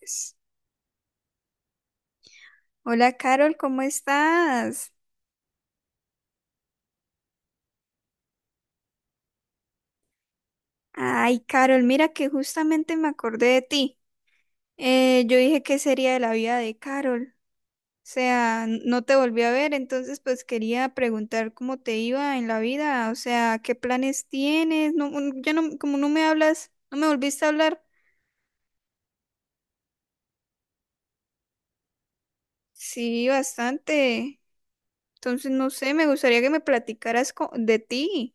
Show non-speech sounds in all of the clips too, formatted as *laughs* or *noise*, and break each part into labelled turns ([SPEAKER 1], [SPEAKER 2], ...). [SPEAKER 1] Pues. Hola, Carol, ¿cómo estás? Ay, Carol, mira que justamente me acordé de ti. Yo dije que sería de la vida de Carol. O sea, no te volví a ver, entonces pues quería preguntar cómo te iba en la vida, o sea, qué planes tienes. No, ya no, como no me hablas, no me volviste a hablar. Sí, bastante. Entonces, no sé, me gustaría que me platicaras de ti.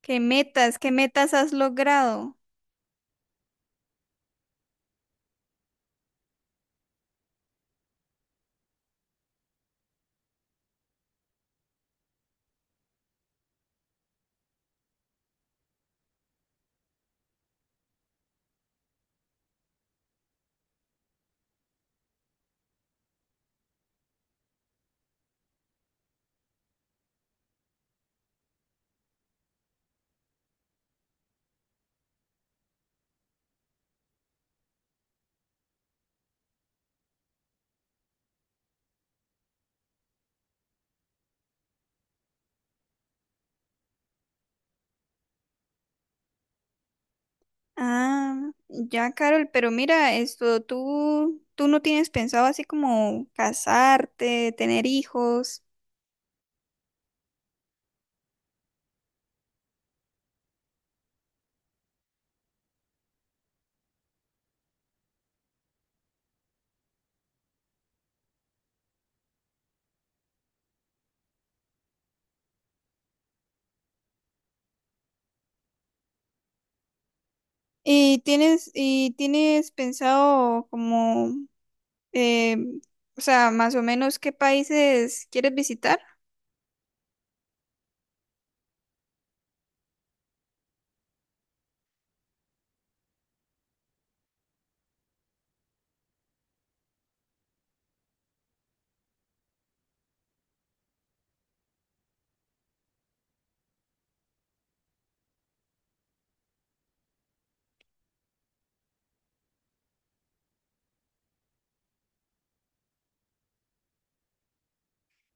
[SPEAKER 1] Qué metas has logrado? Ah, ya, Carol, pero mira, esto, tú no tienes pensado así como casarte, tener hijos, y tienes pensado como, eh, o sea, más o menos qué países quieres visitar.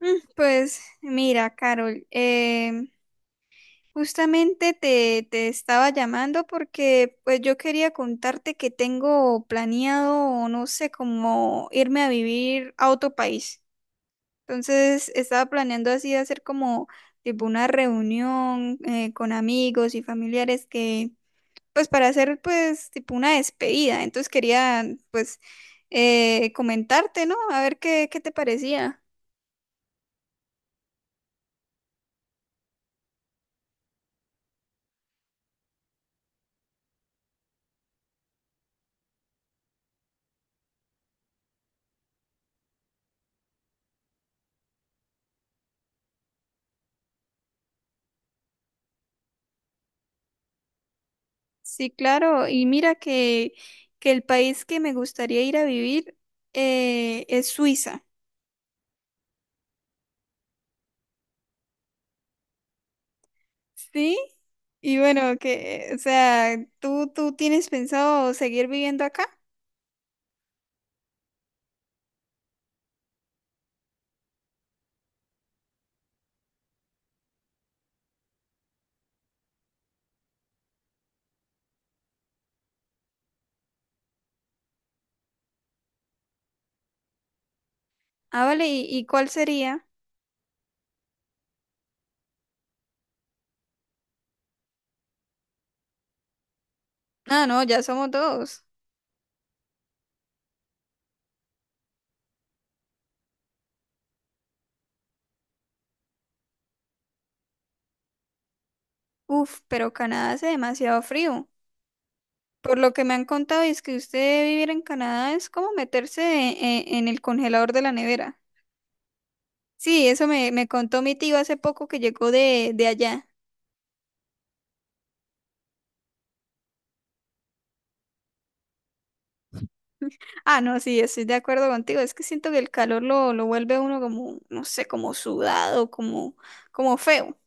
[SPEAKER 1] Mm, Pues mira, Carol, em, justamente te estaba llamando porque pues yo quería contarte que tengo planeado, no sé, como irme a vivir a otro país. Entonces estaba planeando así hacer como tipo una reunión con amigos y familiares pues para hacer pues tipo una despedida. Entonces quería pues comentarte, ¿no? A ver qué, qué te parecía. Sí, claro. Que el país que me gustaría ir a vivir es Suiza. Sí. Y bueno, que, o sea, ¿tú tienes pensado seguir viviendo acá? Ah, vale. ¿Y cuál sería? Ah, no, ya somos dos. Uf, pero Canadá hace demasiado frío. Por lo que me han contado, es que usted vivir en Canadá es como meterse en el congelador de la nevera. Sí, eso me contó mi tío hace poco que llegó de allá. Ah, no, sí, estoy de acuerdo contigo. Es que siento que el calor lo vuelve a uno como, no sé, como sudado, como, como feo.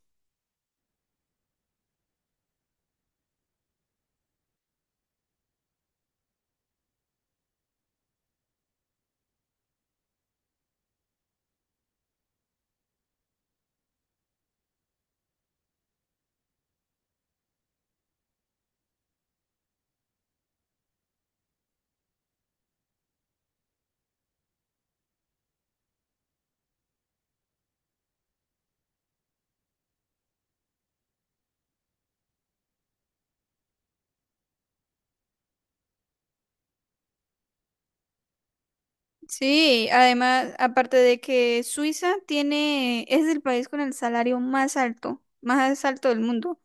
[SPEAKER 1] Sí, además, aparte de que Suiza tiene, es el país con el salario más alto del mundo.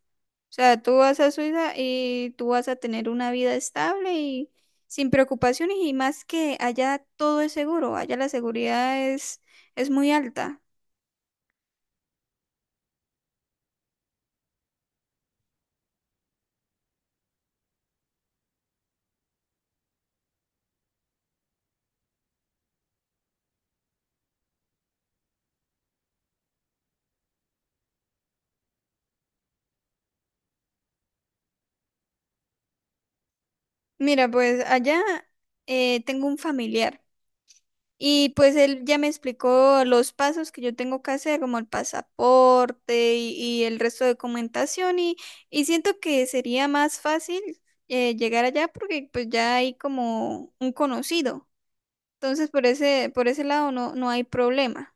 [SPEAKER 1] Sea, tú vas a Suiza y tú vas a tener una vida estable y sin preocupaciones y más que allá todo es seguro, allá la seguridad es muy alta. Mira, pues allá tengo un familiar y pues él ya me explicó los pasos que yo tengo que hacer, como el pasaporte y el resto de documentación y siento que sería más fácil llegar allá porque pues ya hay como un conocido. Entonces, por ese lado no, no hay problema.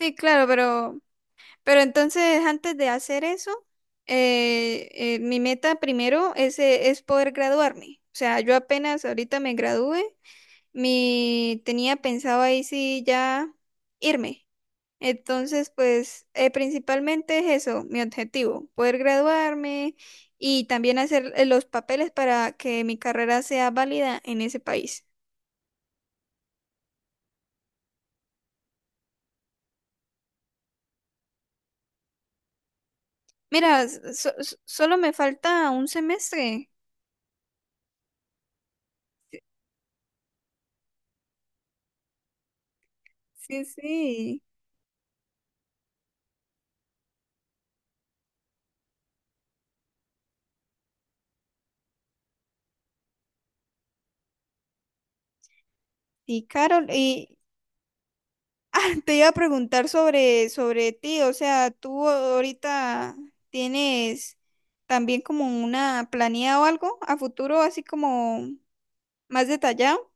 [SPEAKER 1] Sí, claro, pero entonces antes de hacer eso, mi meta primero es poder graduarme. O sea, yo apenas ahorita me gradué, mi, tenía pensado ahí sí ya irme. Entonces, pues principalmente es eso, mi objetivo, poder graduarme y también hacer los papeles para que mi carrera sea válida en ese país. Mira, solo me falta un semestre. Sí, sí. Y Carol, y *laughs* ah, te iba a preguntar sobre ti, o sea, tú ahorita tienes también como una planeada o algo a futuro, así como más detallado.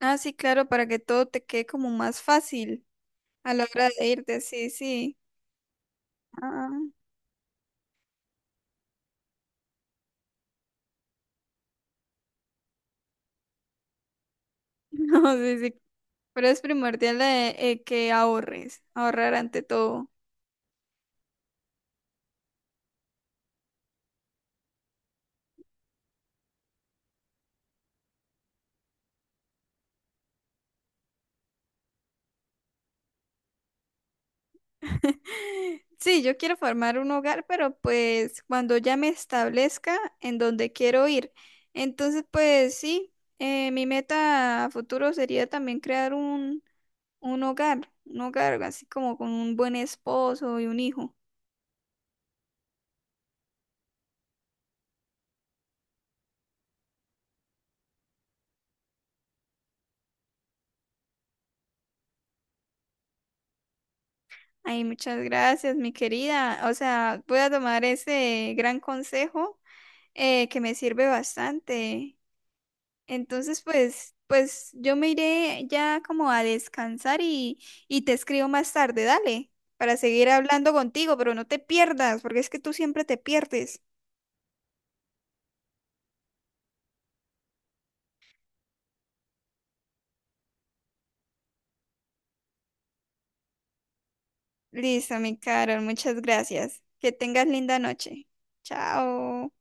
[SPEAKER 1] Ah, sí, claro, para que todo te quede como más fácil a la hora de irte, sí, sí. Ah, *laughs* no, sí, sí. Pero es primordial que ahorres, ahorrar ante todo. *laughs* Sí, yo quiero formar un hogar, pero pues cuando ya me establezca en donde quiero ir. Entonces, pues sí, mi meta a futuro sería también crear un hogar así como con un buen esposo y un hijo. Ay, muchas gracias, mi querida. O sea, voy a tomar ese gran consejo que me sirve bastante. Entonces, pues, pues yo me iré ya como a descansar y te escribo más tarde, dale, para seguir hablando contigo, pero no te pierdas, porque es que tú siempre te pierdes. Listo, mi Carol, muchas gracias. Que tengas linda noche. Chao.